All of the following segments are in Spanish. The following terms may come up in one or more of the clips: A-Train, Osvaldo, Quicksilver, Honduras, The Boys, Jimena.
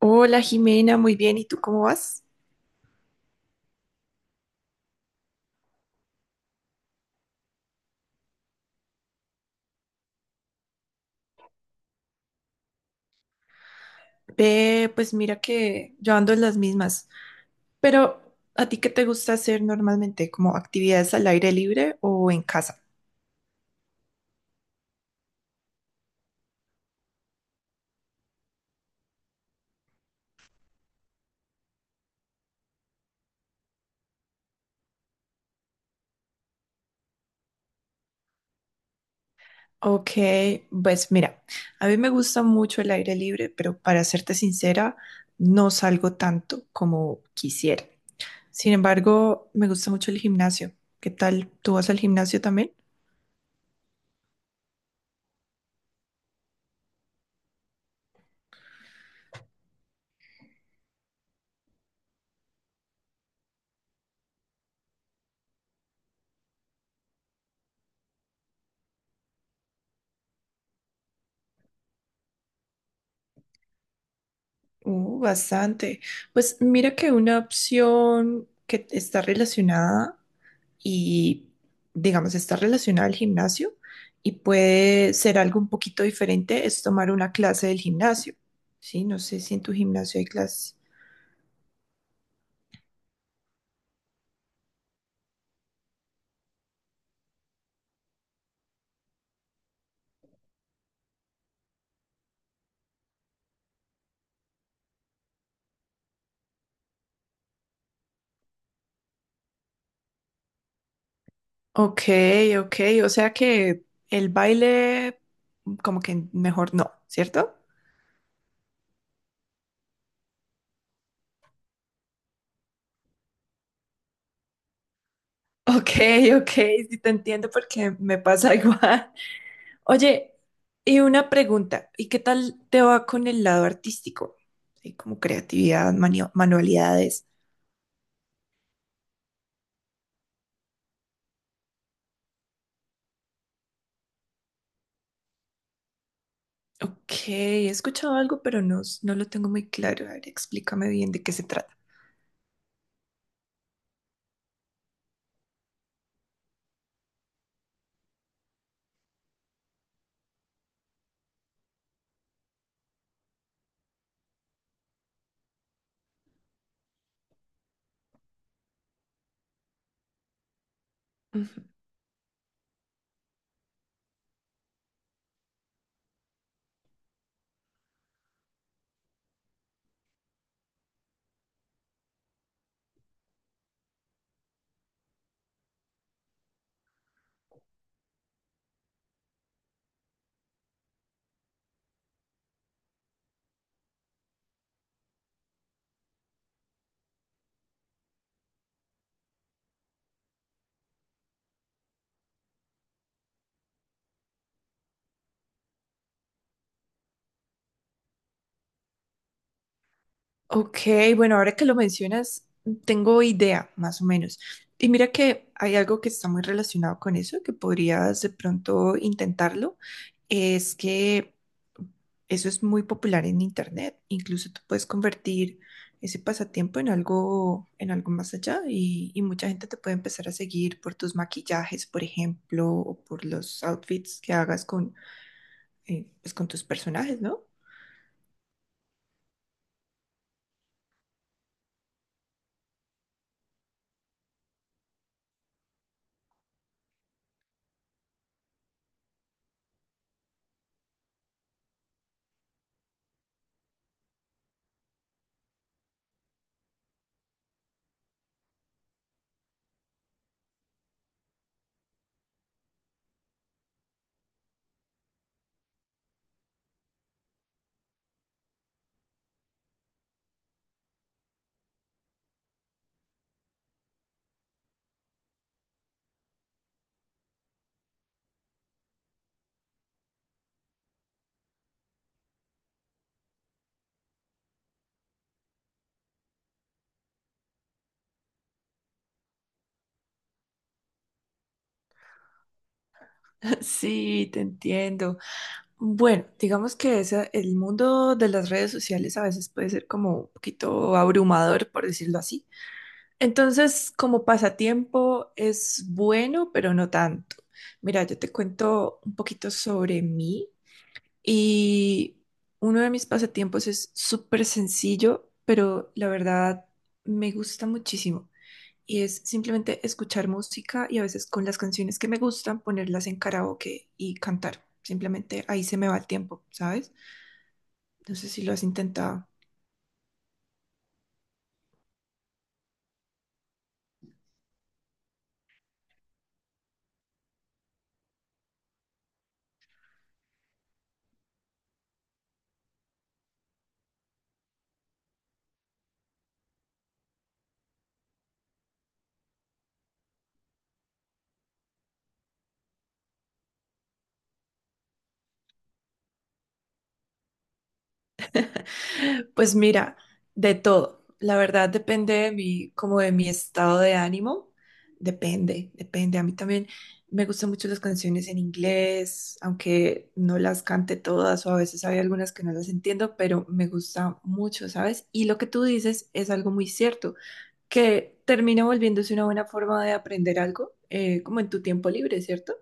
Hola Jimena, muy bien. ¿Y tú cómo vas? Ve, pues mira que yo ando en las mismas. Pero, ¿a ti qué te gusta hacer normalmente? ¿Como actividades al aire libre o en casa? Ok, pues mira, a mí me gusta mucho el aire libre, pero para serte sincera, no salgo tanto como quisiera. Sin embargo, me gusta mucho el gimnasio. ¿Qué tal? ¿Tú vas al gimnasio también? Bastante. Pues mira que una opción que está relacionada y, digamos, está relacionada al gimnasio y puede ser algo un poquito diferente, es tomar una clase del gimnasio. Sí, no sé si en tu gimnasio hay clases. Ok, ok, o sea que el baile como que mejor no, ¿cierto? Ok, ok, sí te entiendo porque me pasa igual. Oye, y una pregunta, ¿y qué tal te va con el lado artístico? Sí, como creatividad, manualidades. Ok, he escuchado algo, pero no, no lo tengo muy claro. A ver, explícame bien de qué se trata. Ujú. Ok, bueno, ahora que lo mencionas, tengo idea, más o menos. Y mira que hay algo que está muy relacionado con eso, que podrías de pronto intentarlo, es que eso es muy popular en internet. Incluso tú puedes convertir ese pasatiempo en algo más allá y mucha gente te puede empezar a seguir por tus maquillajes, por ejemplo, o por los outfits que hagas con, pues, con tus personajes, ¿no? Sí, te entiendo. Bueno, digamos que el mundo de las redes sociales a veces puede ser como un poquito abrumador, por decirlo así. Entonces, como pasatiempo es bueno, pero no tanto. Mira, yo te cuento un poquito sobre mí y uno de mis pasatiempos es súper sencillo, pero la verdad me gusta muchísimo. Y es simplemente escuchar música y a veces con las canciones que me gustan ponerlas en karaoke y cantar. Simplemente ahí se me va el tiempo, ¿sabes? No sé si lo has intentado. Pues mira, de todo. La verdad depende de mi, como de mi estado de ánimo. Depende, depende. A mí también me gustan mucho las canciones en inglés, aunque no las cante todas o a veces hay algunas que no las entiendo, pero me gusta mucho, ¿sabes? Y lo que tú dices es algo muy cierto, que termina volviéndose una buena forma de aprender algo, como en tu tiempo libre, ¿cierto?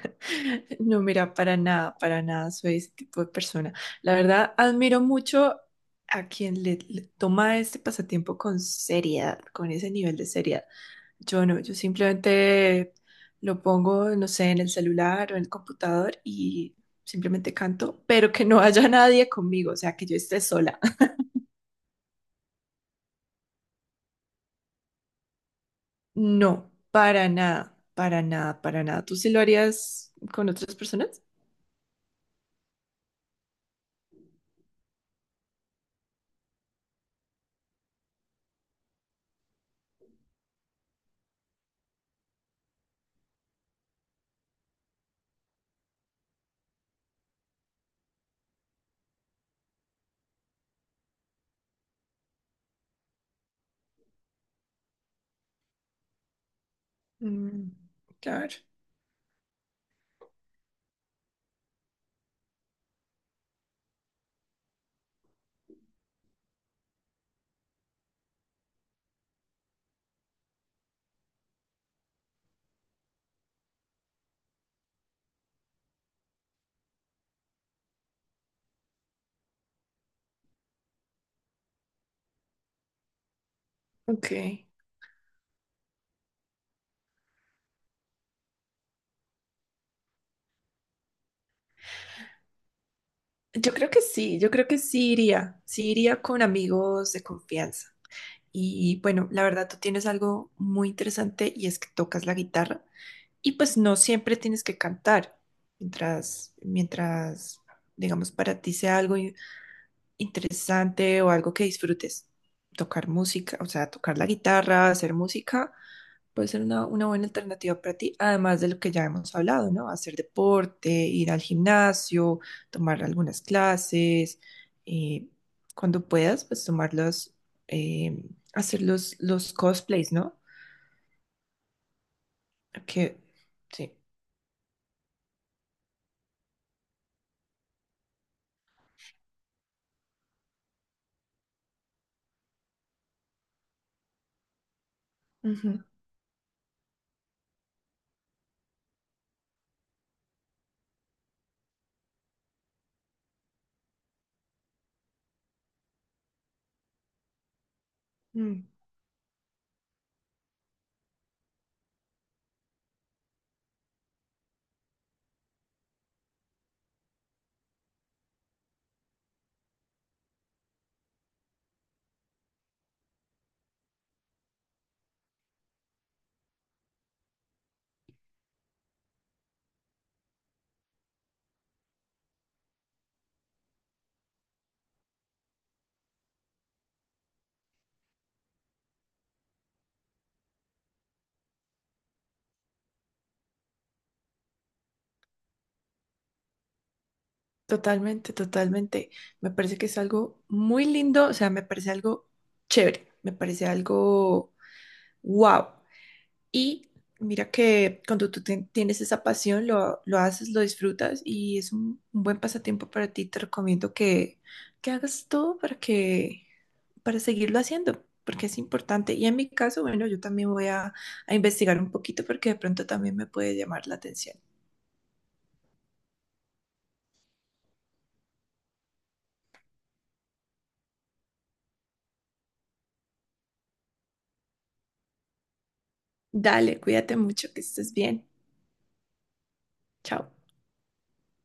No, mira, para nada soy ese tipo de persona. La verdad, admiro mucho a le toma este pasatiempo con seriedad, con ese nivel de seriedad. Yo no, yo simplemente lo pongo, no sé, en el celular o en el computador y simplemente canto, pero que no haya nadie conmigo, o sea, que yo esté sola. No, para nada, para nada, para nada. ¿Tú sí lo harías con otras personas? Mm, claro. Ok. Yo creo que sí, yo creo que sí iría con amigos de confianza. Y bueno, la verdad tú tienes algo muy interesante y es que tocas la guitarra y pues no siempre tienes que cantar mientras, mientras, digamos, para ti sea algo interesante o algo que disfrutes. Tocar música, o sea, tocar la guitarra, hacer música, puede ser una buena alternativa para ti, además de lo que ya hemos hablado, ¿no? Hacer deporte, ir al gimnasio, tomar algunas clases, eh, cuando puedas, pues tomar los, eh, hacer los cosplays, ¿no? Que, sí. Ujú. Mm. Totalmente, totalmente. Me parece que es algo muy lindo, o sea, me parece algo chévere, me parece algo wow. Y mira que cuando tú tienes esa pasión, lo haces, lo disfrutas y es un buen pasatiempo para ti. Te recomiendo que hagas todo para que, para seguirlo haciendo, porque es importante. Y en mi caso, bueno, yo también voy a investigar un poquito porque de pronto también me puede llamar la atención. Dale, cuídate mucho, que estés bien. Chao.